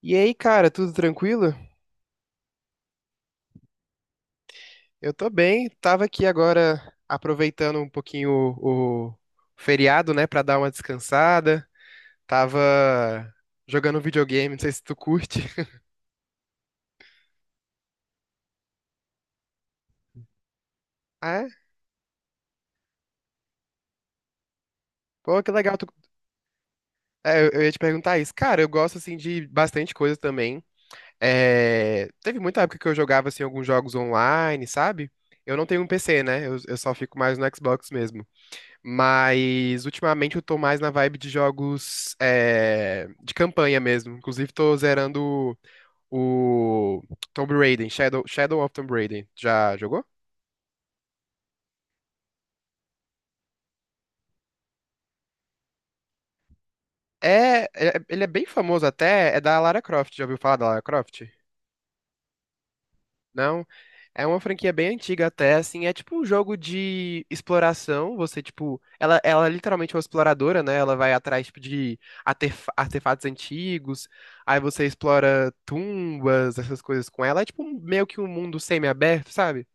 E aí, cara, tudo tranquilo? Eu tô bem, tava aqui agora aproveitando um pouquinho o feriado, né, pra dar uma descansada. Tava jogando videogame, não sei se tu curte. Ah, é? Pô, que legal. Eu ia te perguntar isso. Cara, eu gosto, assim, de bastante coisa também. Teve muita época que eu jogava, assim, alguns jogos online, sabe? Eu não tenho um PC, né? Eu só fico mais no Xbox mesmo. Mas ultimamente eu tô mais na vibe de jogos de campanha mesmo. Inclusive tô zerando o Tomb Raider, Shadow of Tomb Raider. Já jogou? Ele é bem famoso até, é da Lara Croft. Já ouviu falar da Lara Croft? Não, é uma franquia bem antiga até, assim, é tipo um jogo de exploração, você, tipo, ela é literalmente é uma exploradora, né, ela vai atrás, tipo, de artefatos antigos, aí você explora tumbas, essas coisas com ela, é tipo meio que um mundo semi-aberto, sabe?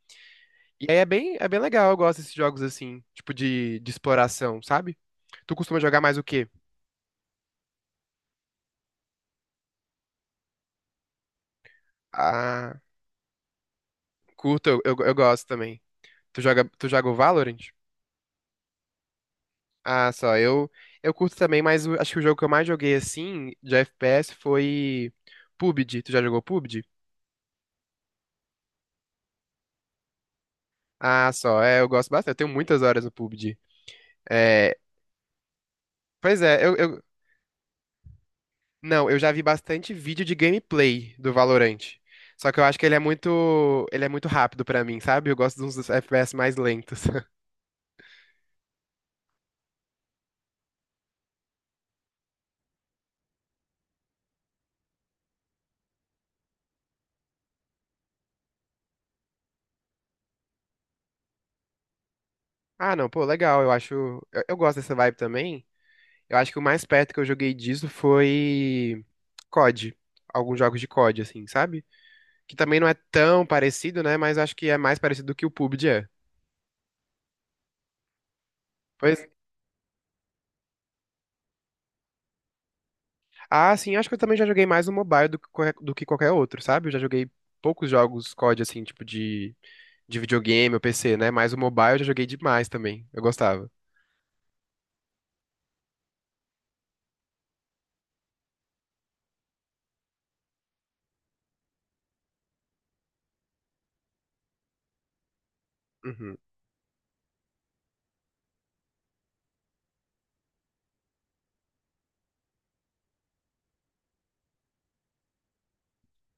E aí é é bem legal, eu gosto desses jogos, assim, tipo, de exploração, sabe? Tu costuma jogar mais o quê? Ah, curto, eu gosto também. Tu joga o Valorant? Ah, só, eu curto também, mas acho que o jogo que eu mais joguei assim de FPS foi PUBG. Tu já jogou PUBG? Ah, só, é, eu gosto bastante. Eu tenho muitas horas no PUBG. É, pois é, eu não, eu já vi bastante vídeo de gameplay do Valorant. Só que eu acho que ele é muito rápido pra mim, sabe? Eu gosto de uns FPS mais lentos. Ah, não, pô, legal. Eu acho. Eu gosto dessa vibe também. Eu acho que o mais perto que eu joguei disso foi COD. Alguns jogos de COD, assim, sabe? Que também não é tão parecido, né? Mas acho que é mais parecido do que o PUBG é. Pois. Ah, sim, acho que eu também já joguei mais no mobile do que, do que qualquer outro, sabe? Eu já joguei poucos jogos COD, assim, tipo de videogame ou PC, né? Mas o mobile eu já joguei demais também. Eu gostava. Uhum.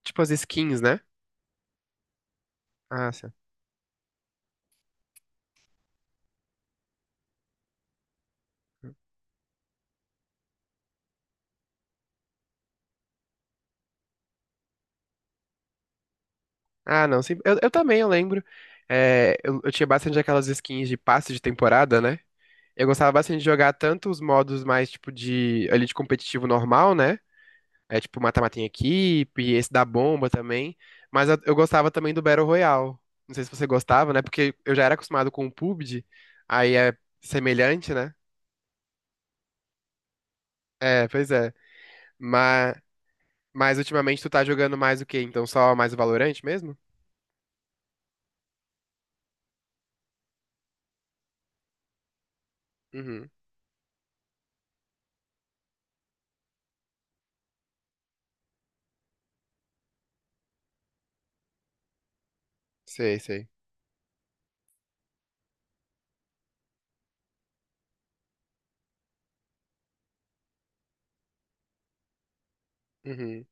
Tipo as skins, né? Ah, sim. Ah, não, sim. Eu também, eu lembro. É, eu tinha bastante aquelas skins de passe de temporada, né? Eu gostava bastante de jogar tanto os modos mais, tipo, ali de competitivo normal, né? É tipo mata-mata em equipe, esse da bomba também. Mas eu gostava também do Battle Royale. Não sei se você gostava, né? Porque eu já era acostumado com o PUBG, aí é semelhante, né? É, pois é. Mas, mas ultimamente tu tá jogando mais o quê? Então só mais o Valorante mesmo? Uhum. Sei, sei. Uhum.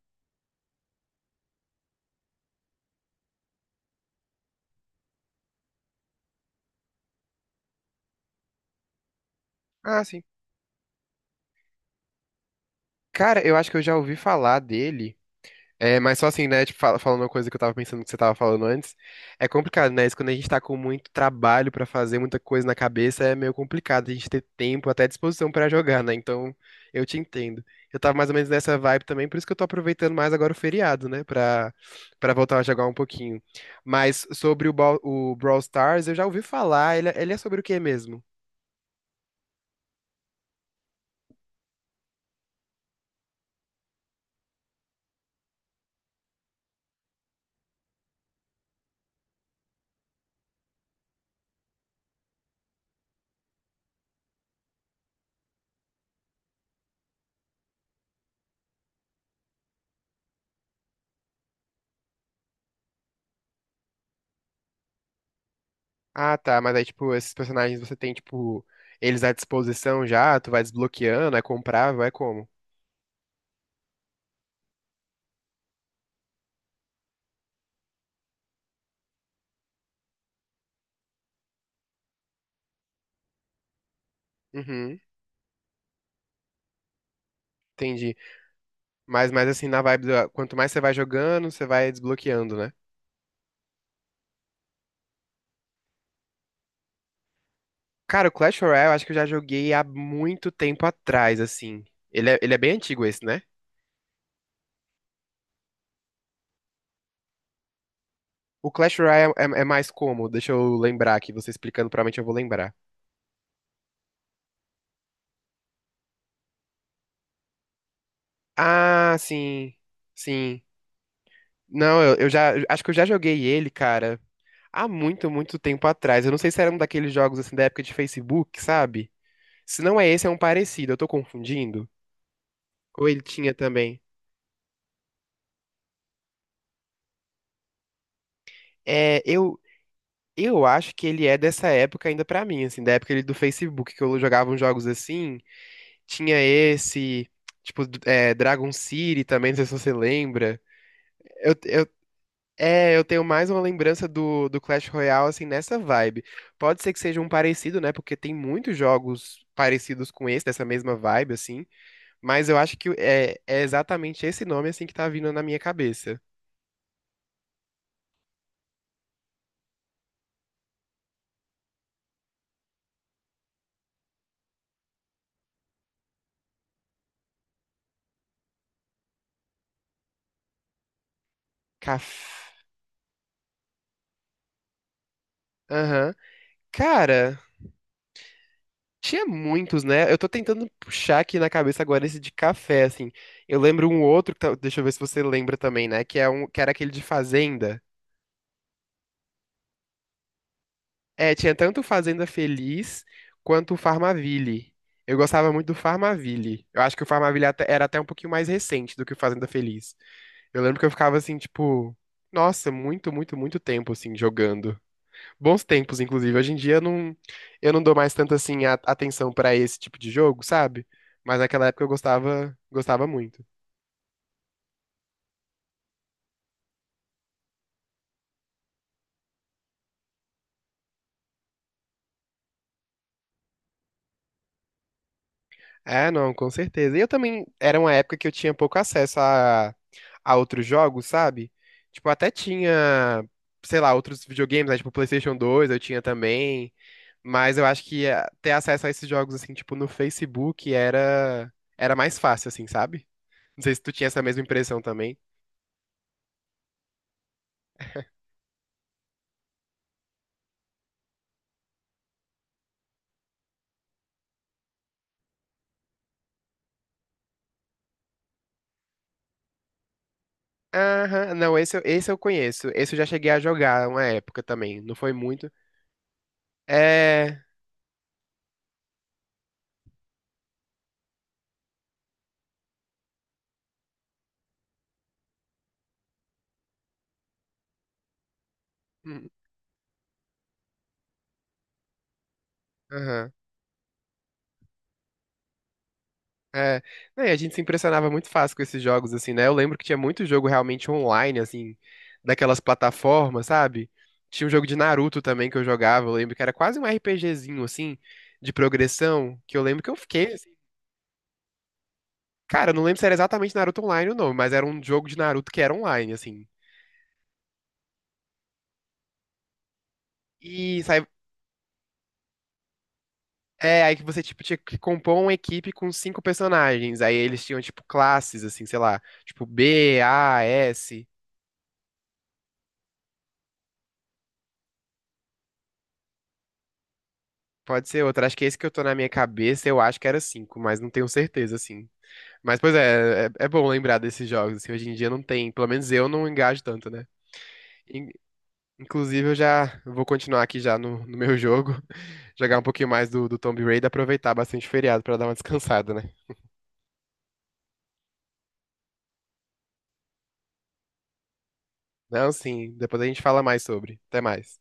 Ah, sim. Cara, eu acho que eu já ouvi falar dele. É, mas só assim, né? Tipo, falando uma coisa que eu tava pensando que você tava falando antes, é complicado, né? Isso quando a gente tá com muito trabalho pra fazer, muita coisa na cabeça, é meio complicado a gente ter tempo, até disposição pra jogar, né? Então, eu te entendo. Eu tava mais ou menos nessa vibe também, por isso que eu tô aproveitando mais agora o feriado, né? Pra voltar a jogar um pouquinho. Mas sobre o Brawl Stars, eu já ouvi falar, ele é sobre o quê mesmo? Ah, tá, mas aí, tipo, esses personagens você tem, tipo, eles à disposição já, tu vai desbloqueando, é comprável, é como? Uhum. Entendi. Mas assim, na vibe do, quanto mais você vai jogando, você vai desbloqueando, né? Cara, o Clash Royale eu acho que eu já joguei há muito tempo atrás, assim. Ele é bem antigo esse, né? O Clash Royale é mais como? Deixa eu lembrar aqui, você explicando, provavelmente eu vou lembrar. Ah, sim. Sim. Não, eu já. Acho que eu já joguei ele, cara, há muito, muito tempo atrás. Eu não sei se era um daqueles jogos assim da época de Facebook, sabe? Se não é esse, é um parecido. Eu tô confundindo? Ou ele tinha também? É, eu acho que ele é dessa época ainda pra mim, assim, da época ele do Facebook, que eu jogava uns jogos assim, tinha esse, tipo, Dragon City também, não sei se você lembra. Eu, eu, eu tenho mais uma lembrança do Clash Royale, assim, nessa vibe. Pode ser que seja um parecido, né, porque tem muitos jogos parecidos com esse, dessa mesma vibe, assim, mas eu acho que é exatamente esse nome, assim, que tá vindo na minha cabeça. Caf... Aham. Cara. Tinha muitos, né? Eu tô tentando puxar aqui na cabeça agora esse de café, assim. Eu lembro um outro, que deixa eu ver se você lembra também, né? Que, é um, que era aquele de Fazenda. É, tinha tanto Fazenda Feliz quanto o Farmaville. Eu gostava muito do Farmaville. Eu acho que o Farmaville era até um pouquinho mais recente do que o Fazenda Feliz. Eu lembro que eu ficava assim, tipo, nossa, muito, muito, muito tempo, assim, jogando. Bons tempos, inclusive. Hoje em dia eu não dou mais tanto assim atenção pra esse tipo de jogo, sabe? Mas naquela época eu gostava, gostava muito. É, não, com certeza. E eu também era uma época que eu tinha pouco acesso a outros jogos, sabe? Tipo, eu até tinha, sei lá, outros videogames, né? Tipo, PlayStation 2 eu tinha também. Mas eu acho que ter acesso a esses jogos assim, tipo, no Facebook era mais fácil assim, sabe? Não sei se tu tinha essa mesma impressão também. Aham, não, esse, esse eu conheço. Esse eu já cheguei a jogar uma época também. Não foi muito. É. Hum. Aham. É. Não, e a gente se impressionava muito fácil com esses jogos, assim, né? Eu lembro que tinha muito jogo realmente online, assim, daquelas plataformas, sabe? Tinha um jogo de Naruto também que eu jogava, eu lembro que era quase um RPGzinho, assim, de progressão, que eu lembro que eu fiquei, assim. Cara, eu não lembro se era exatamente Naruto Online ou não, mas era um jogo de Naruto que era online, assim. E saiu É, aí que você, tipo, tinha que compor uma equipe com cinco personagens. Aí eles tinham, tipo, classes, assim, sei lá. Tipo, B, A, S. Pode ser outra. Acho que é esse que eu tô na minha cabeça, eu acho que era cinco, mas não tenho certeza, assim. Mas, pois é, é bom lembrar desses jogos, assim. Hoje em dia não tem. Pelo menos eu não engajo tanto, né? In- Inclusive, eu já vou continuar aqui já no meu jogo. Jogar um pouquinho mais do Tomb Raider, aproveitar bastante o feriado pra dar uma descansada, né? Não, sim. Depois a gente fala mais sobre. Até mais.